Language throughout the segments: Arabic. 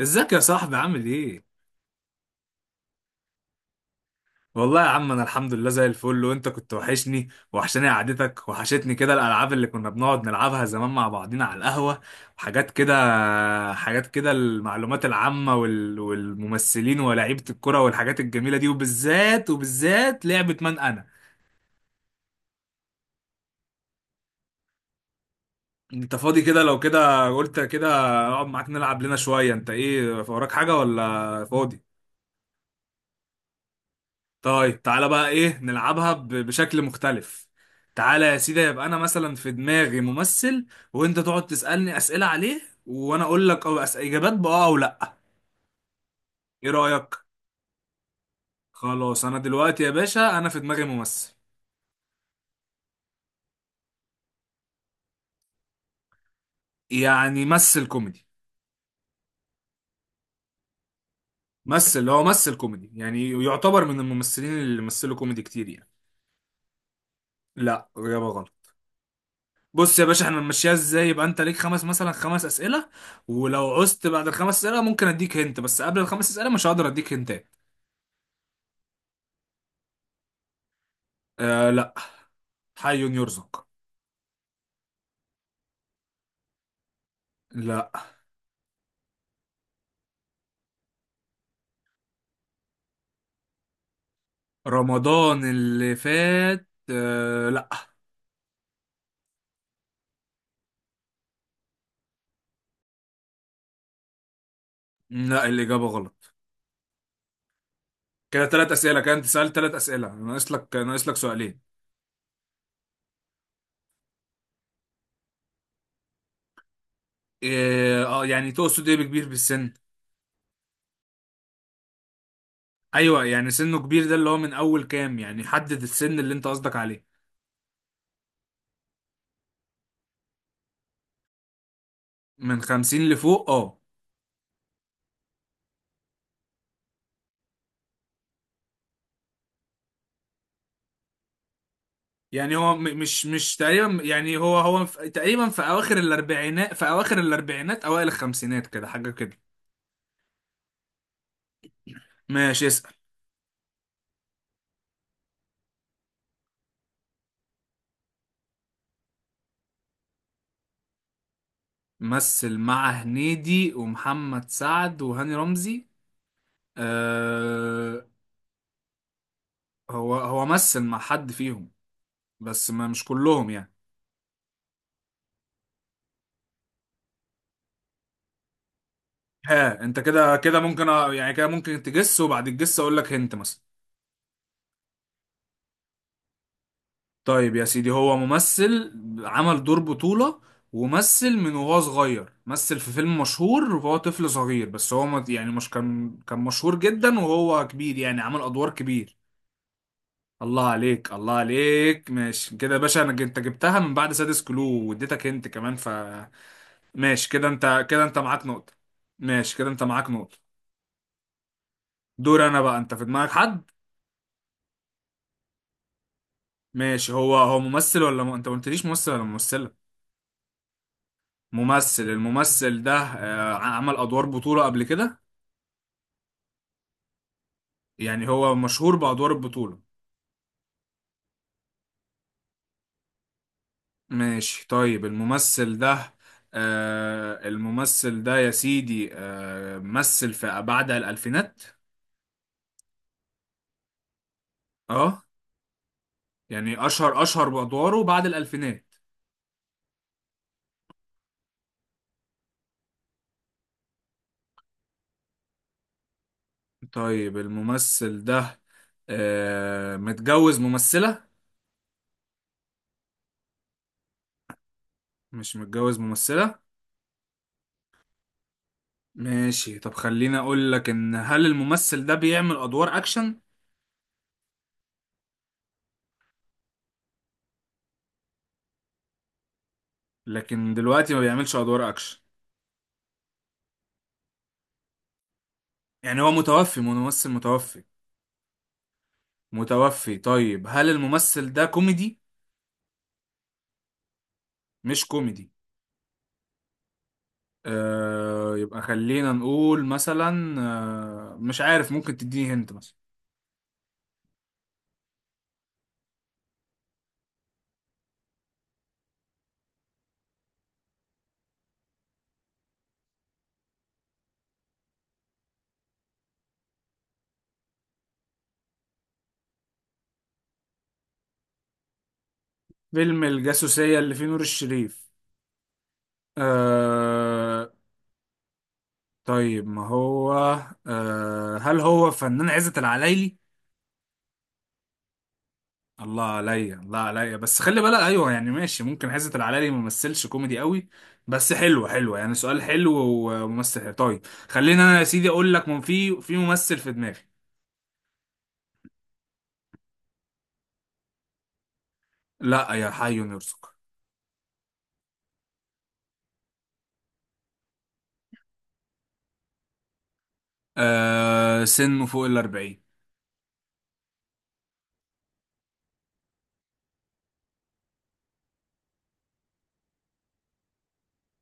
ازيك يا صاحبي؟ عامل ايه؟ والله يا عم، انا الحمد لله زي الفل. وانت كنت وحشاني، قعدتك وحشتني كده، الالعاب اللي كنا بنقعد نلعبها زمان مع بعضينا على القهوة، وحاجات كده المعلومات العامة، والممثلين ولاعيبة الكرة والحاجات الجميلة دي. وبالذات لعبة من انا. انت فاضي كده؟ لو كده، قلت كده اقعد معاك نلعب لنا شوية. انت ايه وراك حاجة ولا فاضي؟ طيب، تعالى بقى، ايه نلعبها بشكل مختلف. تعالى يا سيدي، يبقى انا مثلا في دماغي ممثل، وانت تقعد تسألني اسئلة عليه، وانا اقول لك او اجابات باه او لا. ايه رأيك؟ خلاص، انا دلوقتي يا باشا انا في دماغي ممثل. يعني ممثل كوميدي، ممثل اللي هو ممثل كوميدي، يعني يعتبر من الممثلين اللي مثلوا كوميدي كتير يعني. لا، اجابة غلط. بص يا باشا، احنا نمشيها ازاي؟ يبقى انت ليك خمس، مثلا خمس اسئله. ولو عزت بعد الخمس اسئله ممكن اديك هنت، بس قبل الخمس اسئله مش هقدر اديك هنت. آه لا، حي يرزق. لا، رمضان اللي فات؟ آه لا. لا، الإجابة غلط. كده ثلاث أسئلة، كده أنت سألت ثلاث أسئلة. ناقص لك سؤالين. إيه، اه، يعني تقصد ايه بكبير بالسن؟ ايوه، يعني سنه كبير، ده اللي هو من اول كام؟ يعني حدد السن اللي انت قصدك عليه. من خمسين لفوق، اه. يعني هو مش تقريبا، يعني هو تقريبا في اواخر الاربعينات اوائل الخمسينات كده، حاجة كده. ماشي، اسأل. مثل مع هنيدي ومحمد سعد وهاني رمزي؟ آه، هو مثل مع حد فيهم، بس ما مش كلهم يعني. ها، انت كده كده ممكن يعني كده ممكن تجس، وبعد الجس اقول لك هنت مثلا. طيب يا سيدي، هو ممثل عمل دور بطولة، ومثل من وهو صغير، مثل في فيلم مشهور وهو طفل صغير، بس هو يعني مش كان مشهور جدا وهو كبير، يعني عمل ادوار كبير. الله عليك، الله عليك. ماشي كده يا باشا، انت جبتها من بعد سادس كلو، واديتك انت كمان. ماشي كده انت معاك نقطة. ماشي كده، انت معاك نقطة. دور انا بقى، انت في دماغك حد. ماشي، هو ممثل انت ما قلتليش ممثل ولا ممثلة؟ ممثل. الممثل ده عمل ادوار بطولة قبل كده؟ يعني هو مشهور بادوار البطولة. ماشي، طيب الممثل ده يا سيدي مثل في بعد الالفينات. اه. يعني اشهر بادواره بعد الالفينات. طيب الممثل ده متجوز ممثلة؟ مش متجوز ممثلة. ماشي، طب خليني اقول لك ان، هل الممثل ده بيعمل ادوار اكشن؟ لكن دلوقتي ما بيعملش ادوار اكشن. يعني هو متوفي، ممثل متوفي. متوفي. طيب هل الممثل ده كوميدي؟ مش كوميدي. آه، يبقى خلينا نقول مثلا، آه مش عارف، ممكن تديني هنت مثلا. فيلم الجاسوسية اللي فيه نور الشريف؟ آه، طيب ما هو، آه هل هو فنان عزت العلايلي؟ الله عليا، الله عليا، بس خلي بالك. ايوه يعني، ماشي ممكن، عزت العلايلي ما مثلش كوميدي قوي، بس حلو حلو يعني، سؤال حلو وممثل حلو. طيب خليني انا يا سيدي اقول لك من في ممثل في دماغي. لا، يا حي يرزق. آه، سنه فوق الأربعين.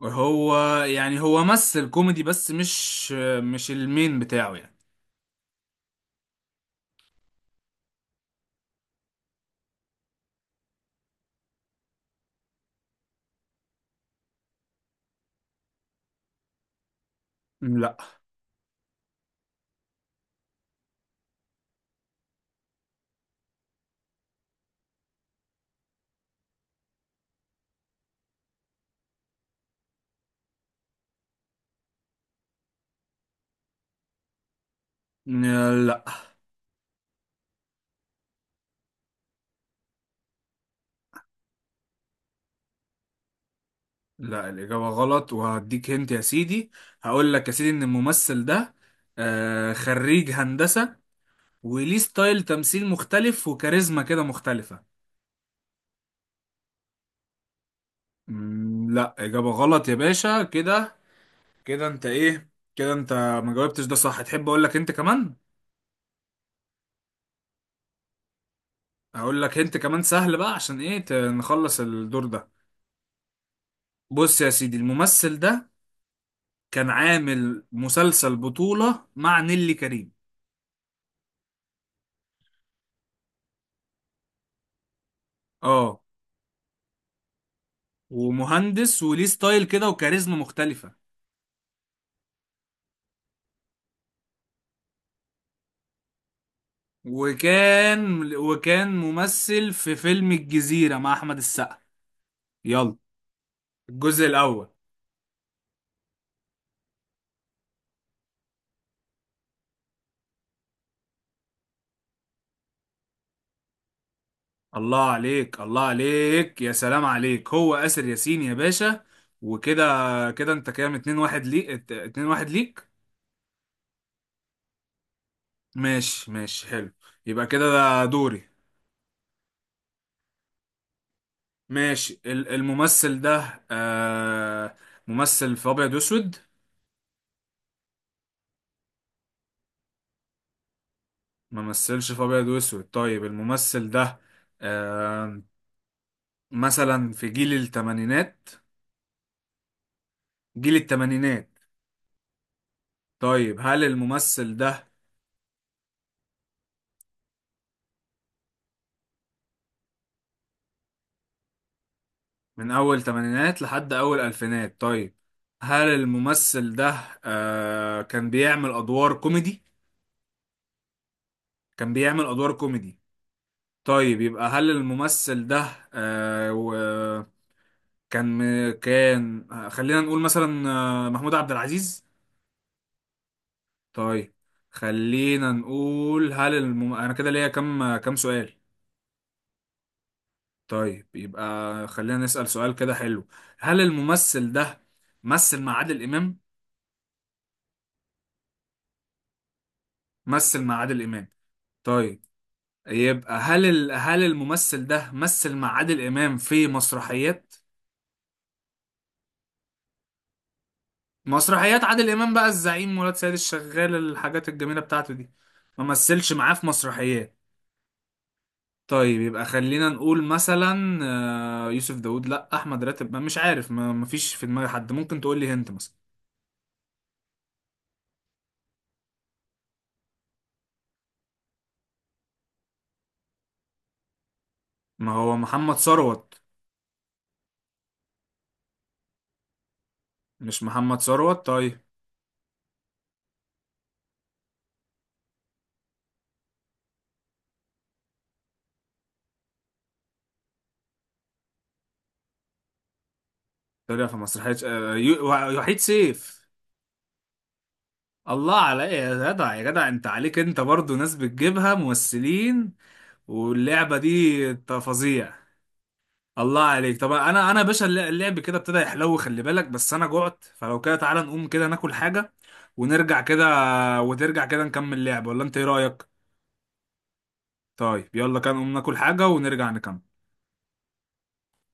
وهو يعني هو مثل كوميدي، بس مش المين بتاعه يعني. لا لا لا، الإجابة غلط، وهديك هنت يا سيدي. هقول لك يا سيدي إن الممثل ده خريج هندسة، وليه ستايل تمثيل مختلف، وكاريزما كده مختلفة. لا، إجابة غلط يا باشا. كده كده أنت إيه كده أنت ما جاوبتش، ده صح. تحب أقول لك أنت كمان؟ هقول لك أنت كمان سهل، بقى عشان إيه نخلص الدور ده. بص يا سيدي، الممثل ده كان عامل مسلسل بطولة مع نيلي كريم. اه، ومهندس وليه ستايل كده وكاريزما مختلفة. وكان ممثل في فيلم الجزيرة مع أحمد السقا. يلا، الجزء الأول. الله عليك، الله عليك، يا سلام عليك، هو آسر ياسين يا باشا. وكده كده، أنت كام؟ اتنين واحد ليك، اتنين واحد ليك. ماشي، ماشي، حلو. يبقى كده ده دوري. ماشي، الممثل ده ممثل في أبيض وأسود؟ ما مثلش في أبيض وأسود. طيب الممثل ده آه مثلا في جيل الثمانينات، جيل التمانينات. طيب هل الممثل ده من أول تمانينات لحد أول ألفينات؟ طيب هل الممثل ده كان بيعمل أدوار كوميدي؟ كان بيعمل أدوار كوميدي. طيب يبقى، هل الممثل ده كان، كان خلينا نقول مثلا محمود عبد العزيز؟ طيب خلينا نقول، هل أنا كده ليا كم سؤال؟ طيب يبقى خلينا نسأل سؤال كده حلو، هل الممثل ده مثل مع عادل إمام؟ مثل مع عادل إمام. طيب يبقى هل هل الممثل ده مثل مع عادل إمام في مسرحيات؟ مسرحيات عادل إمام بقى، الزعيم، ولاد سيد الشغال، الحاجات الجميلة بتاعته دي. ما مثلش معاه في مسرحيات. طيب يبقى خلينا نقول مثلا يوسف داوود، لا أحمد راتب، ما مش عارف، ما مفيش في دماغي حد، ممكن تقول لي هنت مثلا. ما هو محمد ثروت. مش محمد ثروت. طيب طلع في مسرحية، وحيد سيف. الله على ايه يا جدع، يا جدع انت عليك، انت برضو ناس بتجيبها ممثلين واللعبة دي، انت فظيع. الله عليك. طب انا يا باشا اللعب كده ابتدى يحلو، خلي بالك. بس انا جعت، فلو كده تعالى نقوم كده ناكل حاجة ونرجع كده، وترجع كده نكمل لعب، ولا انت ايه رأيك؟ طيب يلا كده نقوم ناكل حاجة ونرجع نكمل.